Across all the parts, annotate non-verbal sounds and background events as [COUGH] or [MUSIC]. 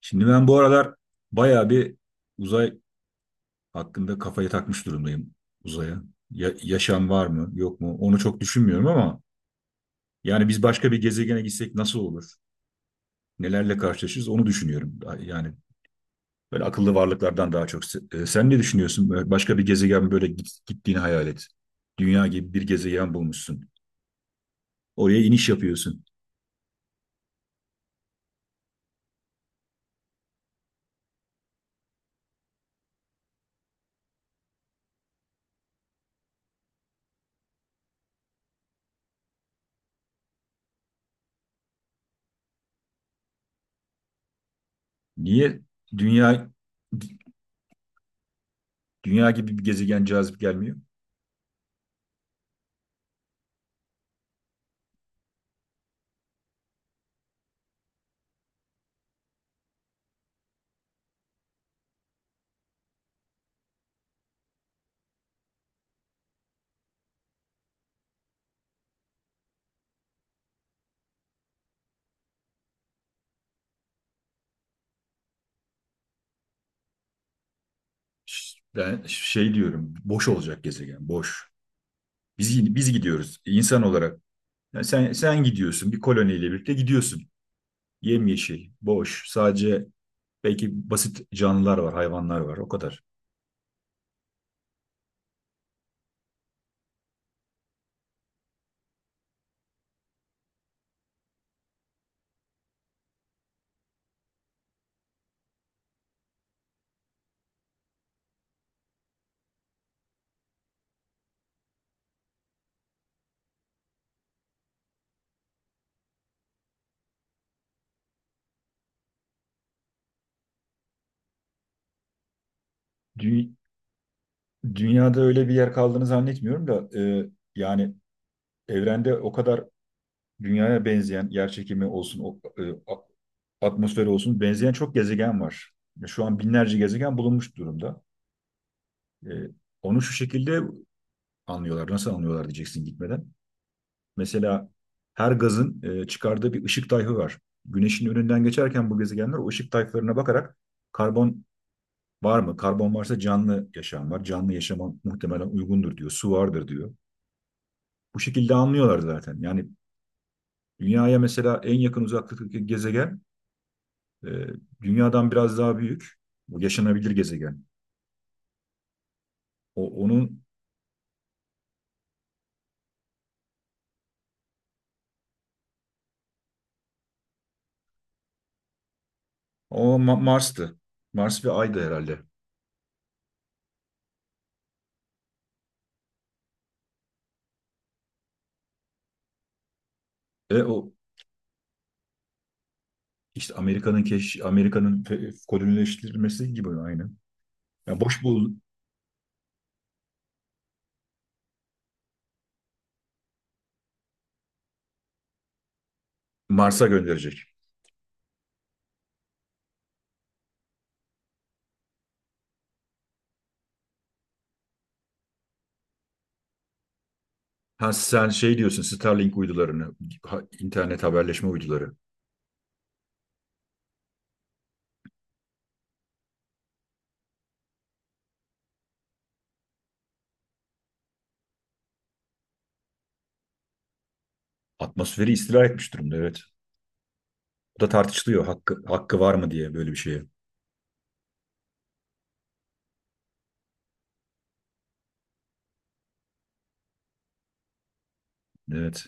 Şimdi ben bu aralar bayağı bir uzay hakkında kafayı takmış durumdayım uzaya. Yaşam var mı, yok mu? Onu çok düşünmüyorum ama yani biz başka bir gezegene gitsek nasıl olur? Nelerle karşılaşırız onu düşünüyorum. Yani böyle akıllı varlıklardan daha çok. Sen ne düşünüyorsun? Böyle başka bir gezegen böyle gittiğini hayal et. Dünya gibi bir gezegen bulmuşsun. Oraya iniş yapıyorsun. Niye dünya dünya gibi bir gezegen cazip gelmiyor? Ben şey diyorum, boş olacak gezegen, boş. Biz gidiyoruz insan olarak. Yani sen gidiyorsun, bir koloniyle birlikte gidiyorsun. Yemyeşil, boş, sadece belki basit canlılar var, hayvanlar var, o kadar. Dü- Dünyada öyle bir yer kaldığını zannetmiyorum da yani evrende o kadar dünyaya benzeyen, yer çekimi olsun, atmosferi olsun benzeyen çok gezegen var. Şu an binlerce gezegen bulunmuş durumda. E, Onu şu şekilde anlıyorlar. Nasıl anlıyorlar diyeceksin gitmeden. Mesela her gazın çıkardığı bir ışık tayfı var. Güneşin önünden geçerken bu gezegenler o ışık tayflarına bakarak karbon var mı? Karbon varsa canlı yaşam var. Canlı yaşama muhtemelen uygundur diyor. Su vardır diyor. Bu şekilde anlıyorlar zaten. Yani dünyaya mesela en yakın uzaklıktaki gezegen e, dünyadan biraz daha büyük. Bu yaşanabilir gezegen. O onun o Mars'tı. Mars ve Ay'dı herhalde. E o işte Amerika'nın kolonileştirilmesi gibi aynı. Yani boş bul. Mars'a gönderecek. Ha sen şey diyorsun, Starlink uydularını, internet haberleşme uyduları. Atmosferi istila etmiş durumda, evet. Bu da tartışılıyor, hakkı var mı diye böyle bir şeye. Evet.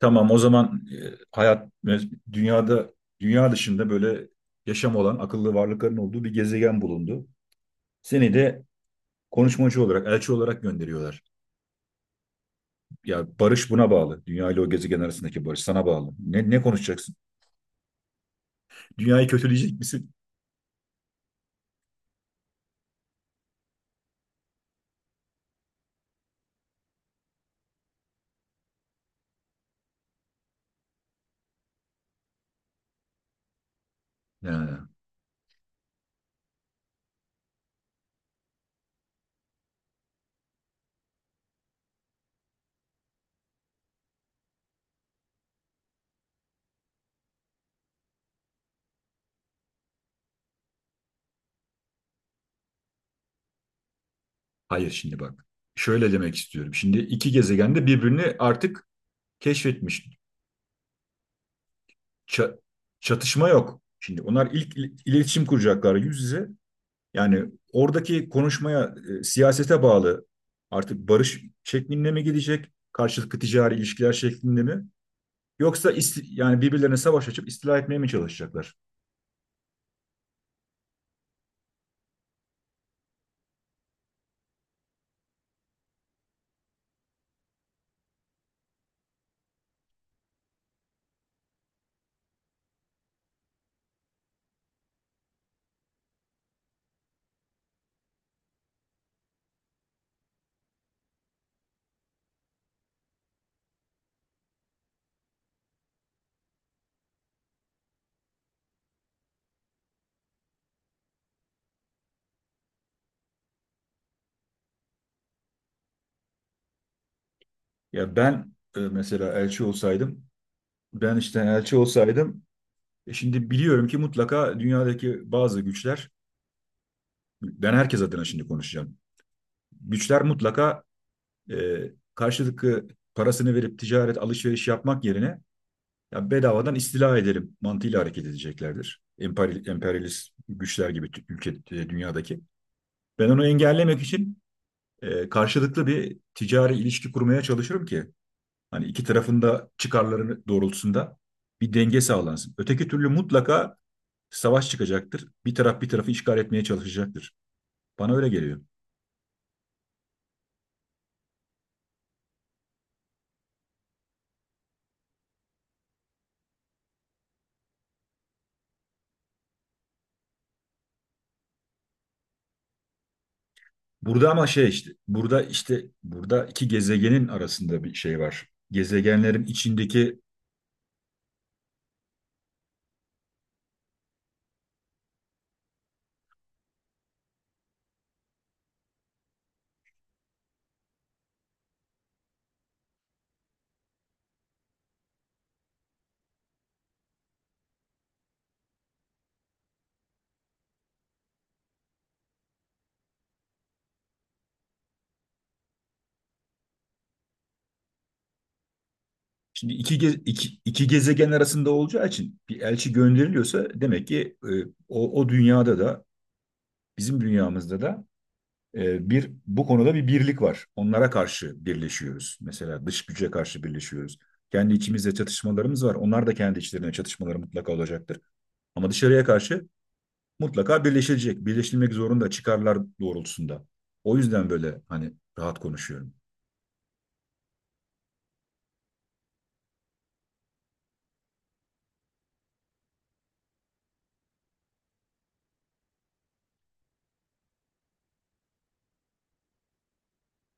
Tamam, o zaman hayat dünyada, dünya dışında böyle yaşam olan akıllı varlıkların olduğu bir gezegen bulundu. Seni de konuşmacı olarak, elçi olarak gönderiyorlar. Ya, barış buna bağlı. Dünya ile o gezegen arasındaki barış sana bağlı. Ne konuşacaksın? Dünyayı kötüleyecek misin? Ha. Hayır, şimdi bak. Şöyle demek istiyorum. Şimdi iki gezegen de birbirini artık keşfetmiş. Ça- Çatışma yok. Şimdi onlar ilk iletişim kuracaklar, yüz yüze. Yani oradaki konuşmaya, siyasete bağlı artık, barış şeklinde mi gidecek? Karşılıklı ticari ilişkiler şeklinde mi? Yoksa yani birbirlerine savaş açıp istila etmeye mi çalışacaklar? Ya ben mesela elçi olsaydım, ben işte elçi olsaydım, şimdi biliyorum ki mutlaka dünyadaki bazı güçler, ben herkes adına şimdi konuşacağım. Güçler mutlaka e, karşılıklı parasını verip ticaret, alışveriş yapmak yerine ya bedavadan istila edelim mantığıyla hareket edeceklerdir. Emperyalist güçler gibi, ülke, dünyadaki. Ben onu engellemek için karşılıklı bir ticari ilişki kurmaya çalışırım ki hani iki tarafında çıkarları doğrultusunda bir denge sağlansın. Öteki türlü mutlaka savaş çıkacaktır. Bir taraf bir tarafı işgal etmeye çalışacaktır. Bana öyle geliyor. Burada ama şey, işte burada, işte burada iki gezegenin arasında bir şey var. Gezegenlerin içindeki, şimdi iki gezegen arasında olacağı için bir elçi gönderiliyorsa demek ki o dünyada da, bizim dünyamızda da bir, bu konuda bir birlik var. Onlara karşı birleşiyoruz. Mesela dış güce karşı birleşiyoruz. Kendi içimizde çatışmalarımız var. Onlar da kendi içlerine çatışmaları mutlaka olacaktır. Ama dışarıya karşı mutlaka birleşilecek, birleşilmek zorunda, çıkarlar doğrultusunda. O yüzden böyle hani rahat konuşuyorum.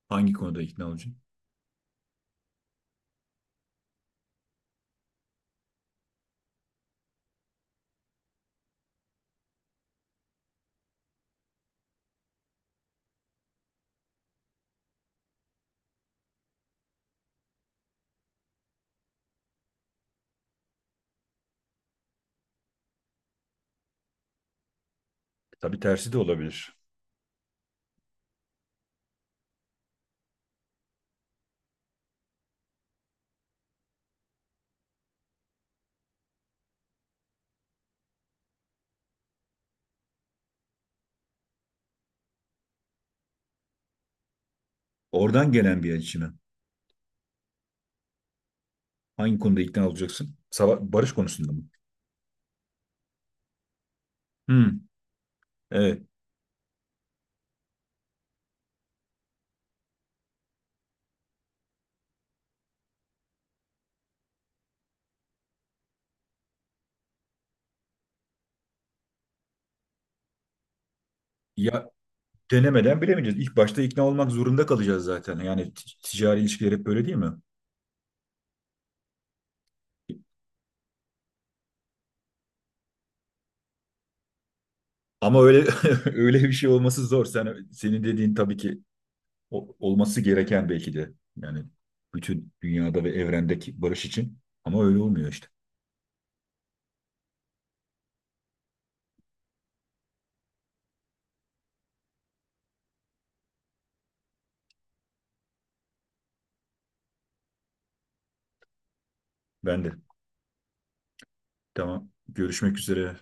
Hangi konuda ikna olacağım? Tabii tersi de olabilir. Oradan gelen bir içime. Hangi konuda ikna olacaksın? Barış konusunda mı? Hmm, evet. Ya, denemeden bilemeyeceğiz. İlk başta ikna olmak zorunda kalacağız zaten. Yani ticari ilişkiler hep böyle değil mi? Ama öyle [LAUGHS] öyle bir şey olması zor. Sen, senin dediğin tabii ki olması gereken belki de, yani bütün dünyada ve evrendeki barış için, ama öyle olmuyor işte. Ben de. Tamam. Görüşmek üzere.